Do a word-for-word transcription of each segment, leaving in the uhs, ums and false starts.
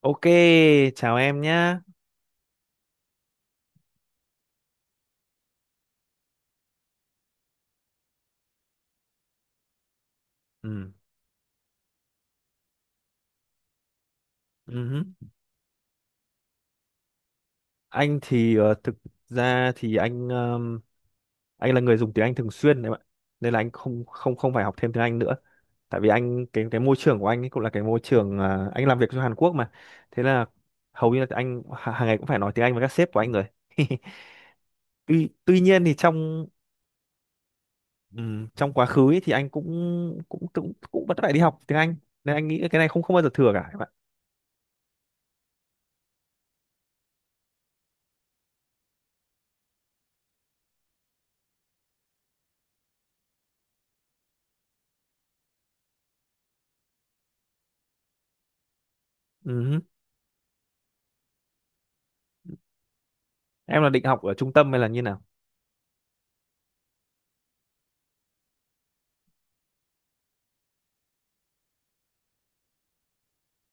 Ok, chào em nhá. Ừ. Ừhứ. Anh thì ờ, thực ra thì anh ờm, anh là người dùng tiếng Anh thường xuyên đấy bạn. Nên là anh không không không phải học thêm tiếng Anh nữa. Tại vì anh cái cái môi trường của anh ấy cũng là cái môi trường à, anh làm việc cho Hàn Quốc mà. Thế là hầu như là anh h- hàng ngày cũng phải nói tiếng Anh với các sếp của anh rồi. Tuy tuy nhiên thì trong ừm, trong quá khứ ấy thì anh cũng cũng cũng cũng vẫn phải đi học tiếng Anh. Nên anh nghĩ cái này không không bao giờ thừa cả các bạn. Em là định học ở trung tâm hay là như nào?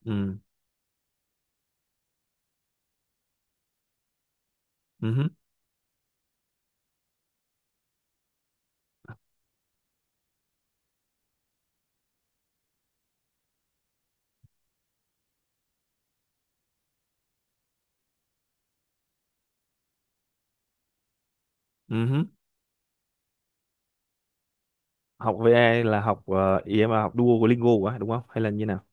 Ừ, ừ hứ. Ừ hứ. Học vê a là học ờ, ý em là học Duolingo quá, đúng không? Hay là như nào?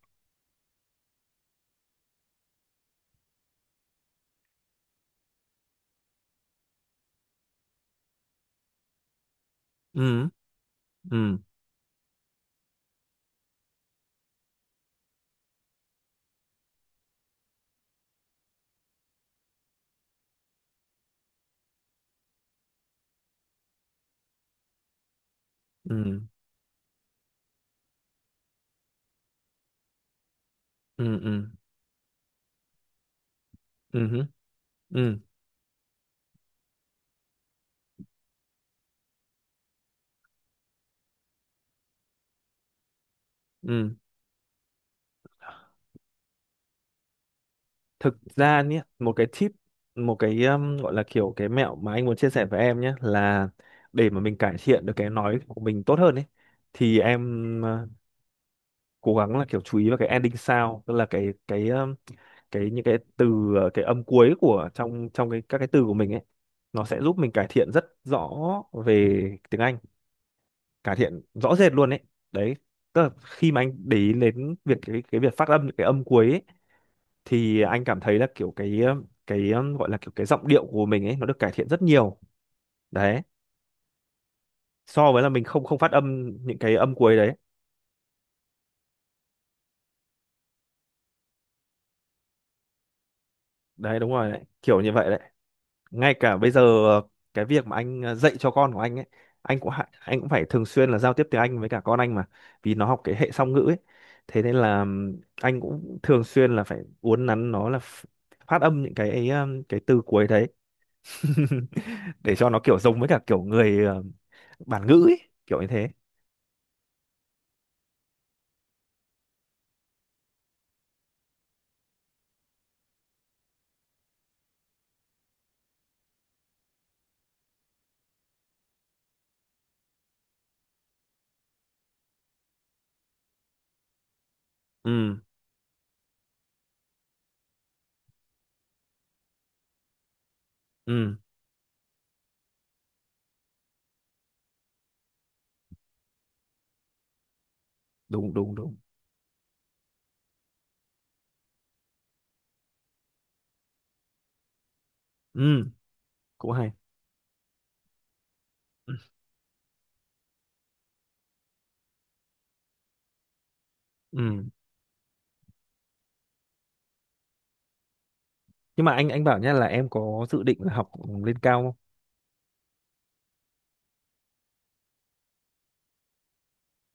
Ừ, ừ, ừ, ừ, ừ, ừ hứ, ừ, ừ. Thực ra nhé, một cái tip, một cái um, gọi là kiểu cái mẹo mà anh muốn chia sẻ với em nhé là để mà mình cải thiện được cái nói của mình tốt hơn ấy, thì em ờ, cố gắng là kiểu chú ý vào cái ending sound, tức là cái cái um, cái những cái từ ờ, cái âm cuối của trong trong cái các cái từ của mình ấy, nó sẽ giúp mình cải thiện rất rõ về tiếng Anh, cải thiện rõ rệt luôn ấy đấy. Tức là khi mà anh để ý đến việc cái cái việc phát âm cái âm cuối ấy, thì anh cảm thấy là kiểu cái ờ, cái ờ, gọi là kiểu cái giọng điệu của mình ấy nó được cải thiện rất nhiều đấy, so với là mình không không phát âm những cái âm cuối đấy. Đấy, đúng rồi đấy, kiểu như vậy đấy. Ngay cả bây giờ ờ, cái việc mà anh ờ, dạy cho con của anh ấy, anh cũng hạ- anh cũng phải thường xuyên là giao tiếp tiếng Anh với cả con anh mà, vì nó học cái hệ song ngữ ấy. Thế nên là ừm, anh cũng thường xuyên là phải uốn nắn nó là ph- phát âm những cái ấy, ừm, cái từ cuối đấy. Để cho nó kiểu giống với cả kiểu người ờ, bản ngữ ấy, kiểu như thế. Ừ, ừ, đúng, đúng, đúng, ừ, cũng hay, ừ, ừ. Nhưng mà anh anh bảo nhá là em có dự định là học lên cao không?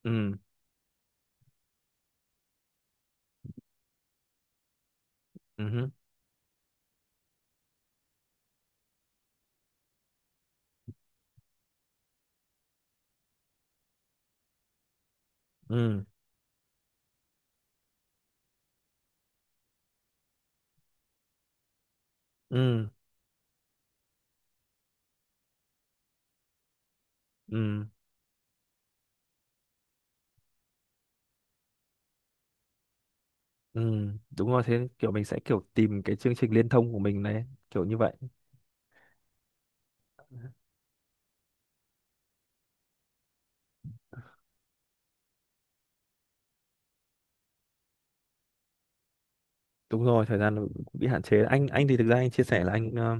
Ừ, ừ, ừ, ừ, ừ. Ừ, đúng rồi, thế kiểu mình sẽ kiểu tìm cái chương trình liên thông của mình này, kiểu như vậy. Đúng rồi, thời gian nó cũng bị hạn chế. Anh anh thì thực ra anh chia sẻ là anh ờ,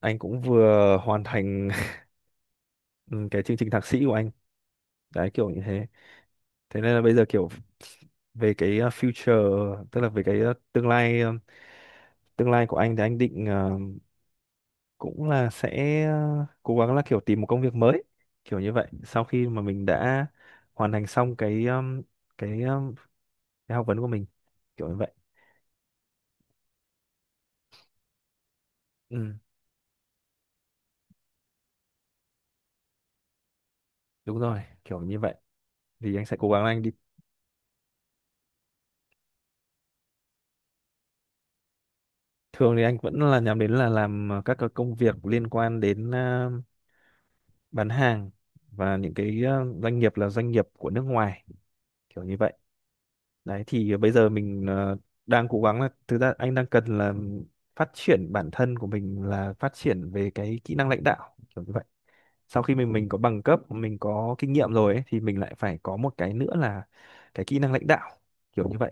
anh cũng vừa hoàn thành ừ, cái chương trình thạc sĩ của anh đấy, kiểu như thế. Thế nên là bây giờ kiểu về cái ờ, future, tức là về cái ờ, tương lai, ờ, tương lai của anh thì anh định ờ, cũng là sẽ ờ, cố gắng là kiểu tìm một công việc mới, kiểu như vậy, sau khi mà mình đã hoàn thành xong cái ờm, cái ờm, cái học vấn của mình, kiểu như vậy. Ừ, đúng rồi, kiểu như vậy. Thì anh sẽ cố gắng anh đi. Thường thì anh vẫn là nhắm đến là làm ờ, các cái công việc liên quan đến ờ, bán hàng và những cái ờ, doanh nghiệp là doanh nghiệp của nước ngoài, kiểu như vậy. Đấy, thì bây giờ mình ờ, đang cố gắng là thực ra anh đang cần là phát triển bản thân của mình là phát triển về cái kỹ năng lãnh đạo, kiểu như vậy. Sau khi mình mình có bằng cấp, mình có kinh nghiệm rồi ấy, thì mình lại phải có một cái nữa là cái kỹ năng lãnh đạo, kiểu như vậy.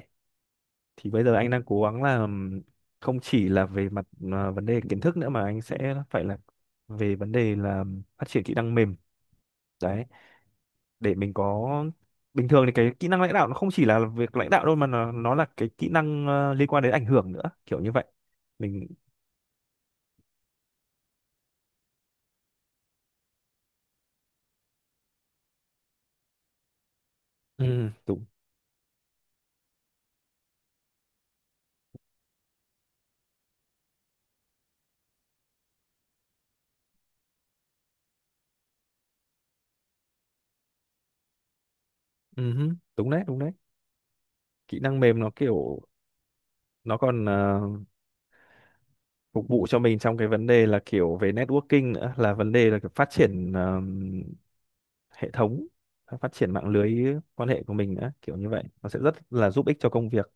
Thì bây giờ anh đang cố gắng là ừm, không chỉ là về mặt à, vấn đề kiến thức nữa mà anh sẽ phải là về vấn đề là phát triển kỹ năng mềm đấy, để mình có. Bình thường thì cái kỹ năng lãnh đạo nó không chỉ là việc lãnh đạo đâu, mà nó, nó là cái kỹ năng ờ, liên quan đến ảnh hưởng nữa, kiểu như vậy mình. Ừ, đúng. Ừ hứ. Đúng đấy, đúng đấy. Kỹ năng mềm nó kiểu, nó còn ờ, phục vụ cho mình trong cái vấn đề là kiểu về networking nữa, là vấn đề là kiểu phát triển hệ thống, phát triển mạng lưới quan hệ của mình nữa, kiểu như vậy, nó sẽ rất là giúp ích cho công việc.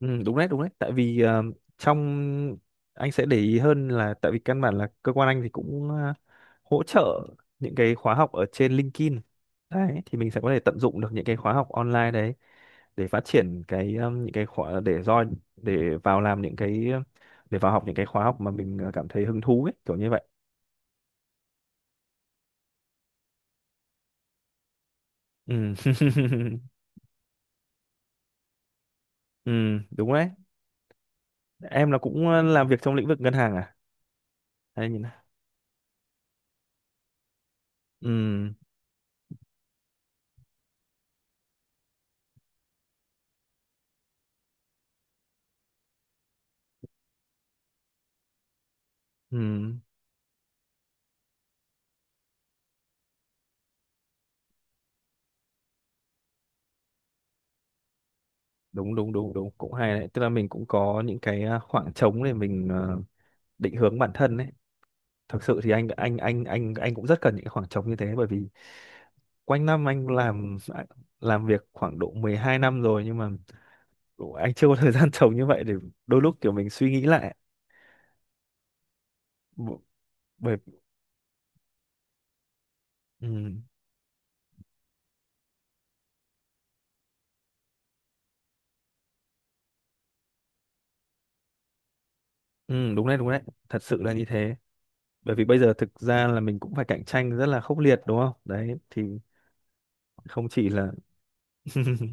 Ừ, đúng đấy, đúng đấy, tại vì ờ, trong anh sẽ để ý hơn là tại vì căn bản là cơ quan anh thì cũng ờ, hỗ trợ những cái khóa học ở trên LinkedIn đấy, thì mình sẽ có thể tận dụng được những cái khóa học online đấy để phát triển cái um, những cái khóa để do để vào làm những cái ờ, để vào học những cái khóa học mà mình ờ, cảm thấy hứng thú ấy, kiểu như vậy. Ừ. Ừ, đúng đấy. Em là cũng ờ, làm việc trong lĩnh vực ngân hàng à? Hay nhìn nào. Ừ. Ừ, đúng, đúng, đúng, đúng, cũng hay đấy, tức là mình cũng có những cái ờ, khoảng trống để mình ờ, định hướng bản thân đấy. Thực sự thì anh anh anh anh anh cũng rất cần những cái khoảng trống như thế, bởi vì quanh năm anh làm à, làm việc khoảng độ mười hai năm rồi, nhưng mà anh chưa có thời gian trống như vậy để đôi lúc kiểu mình suy nghĩ lại. B- Bởi, ừ, ừ, đúng đấy, đúng đấy, thật sự là như thế. Bởi vì bây giờ thực ra là mình cũng phải cạnh tranh rất là khốc liệt, đúng không đấy? Thì không chỉ là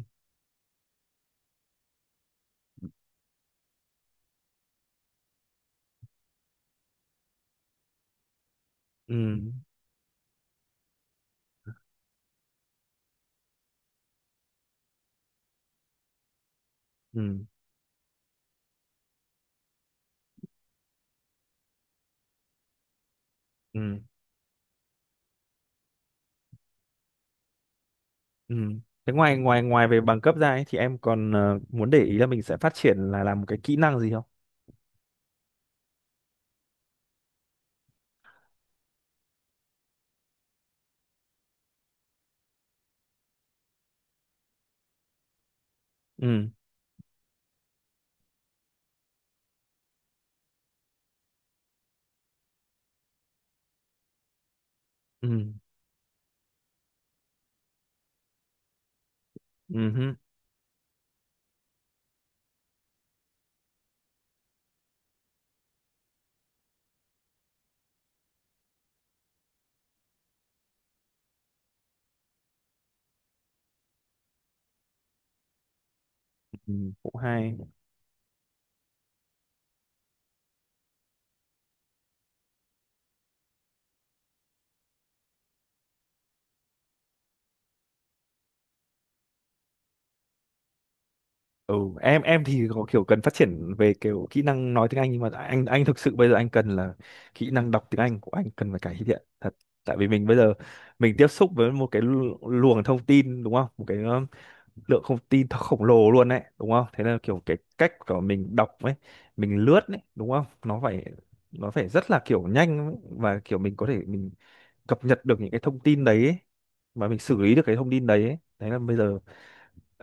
ừ, ừ, ừ, ừ. Thế ngoài ngoài ngoài về bằng cấp ra ấy, thì em còn ờ, muốn để ý là mình sẽ phát triển là làm một cái kỹ năng gì không? Ừ, ừ, ừ hứ, ừ, cũng hay. Ừ, em em thì có kiểu cần phát triển về kiểu kỹ năng nói tiếng Anh, nhưng mà anh anh thực sự bây giờ anh cần là kỹ năng đọc tiếng Anh của anh cần phải cải thiện thật. Tại vì mình bây giờ mình tiếp xúc với một cái lu- luồng thông tin, đúng không? Một cái ờ, lượng thông tin nó khổng lồ luôn đấy, đúng không? Thế là kiểu cái cách của mình đọc ấy, mình lướt ấy, đúng không, nó phải nó phải rất là kiểu nhanh ấy. Và kiểu mình có thể mình cập nhật được những cái thông tin đấy ấy, và mình xử lý được cái thông tin đấy ấy. Đấy là bây giờ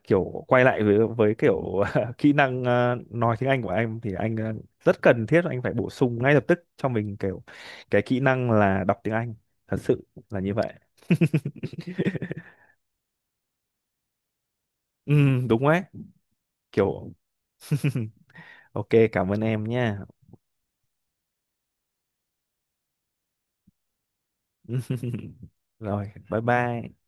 kiểu quay lại với với kiểu kỹ năng ờ, nói tiếng Anh của anh thì anh ờ, rất cần thiết anh phải bổ sung ngay lập tức cho mình kiểu cái kỹ năng là đọc tiếng Anh, thật sự là như vậy. Ừ, đúng đấy, kiểu. Ok, cảm ơn em nha. Rồi, bye bye.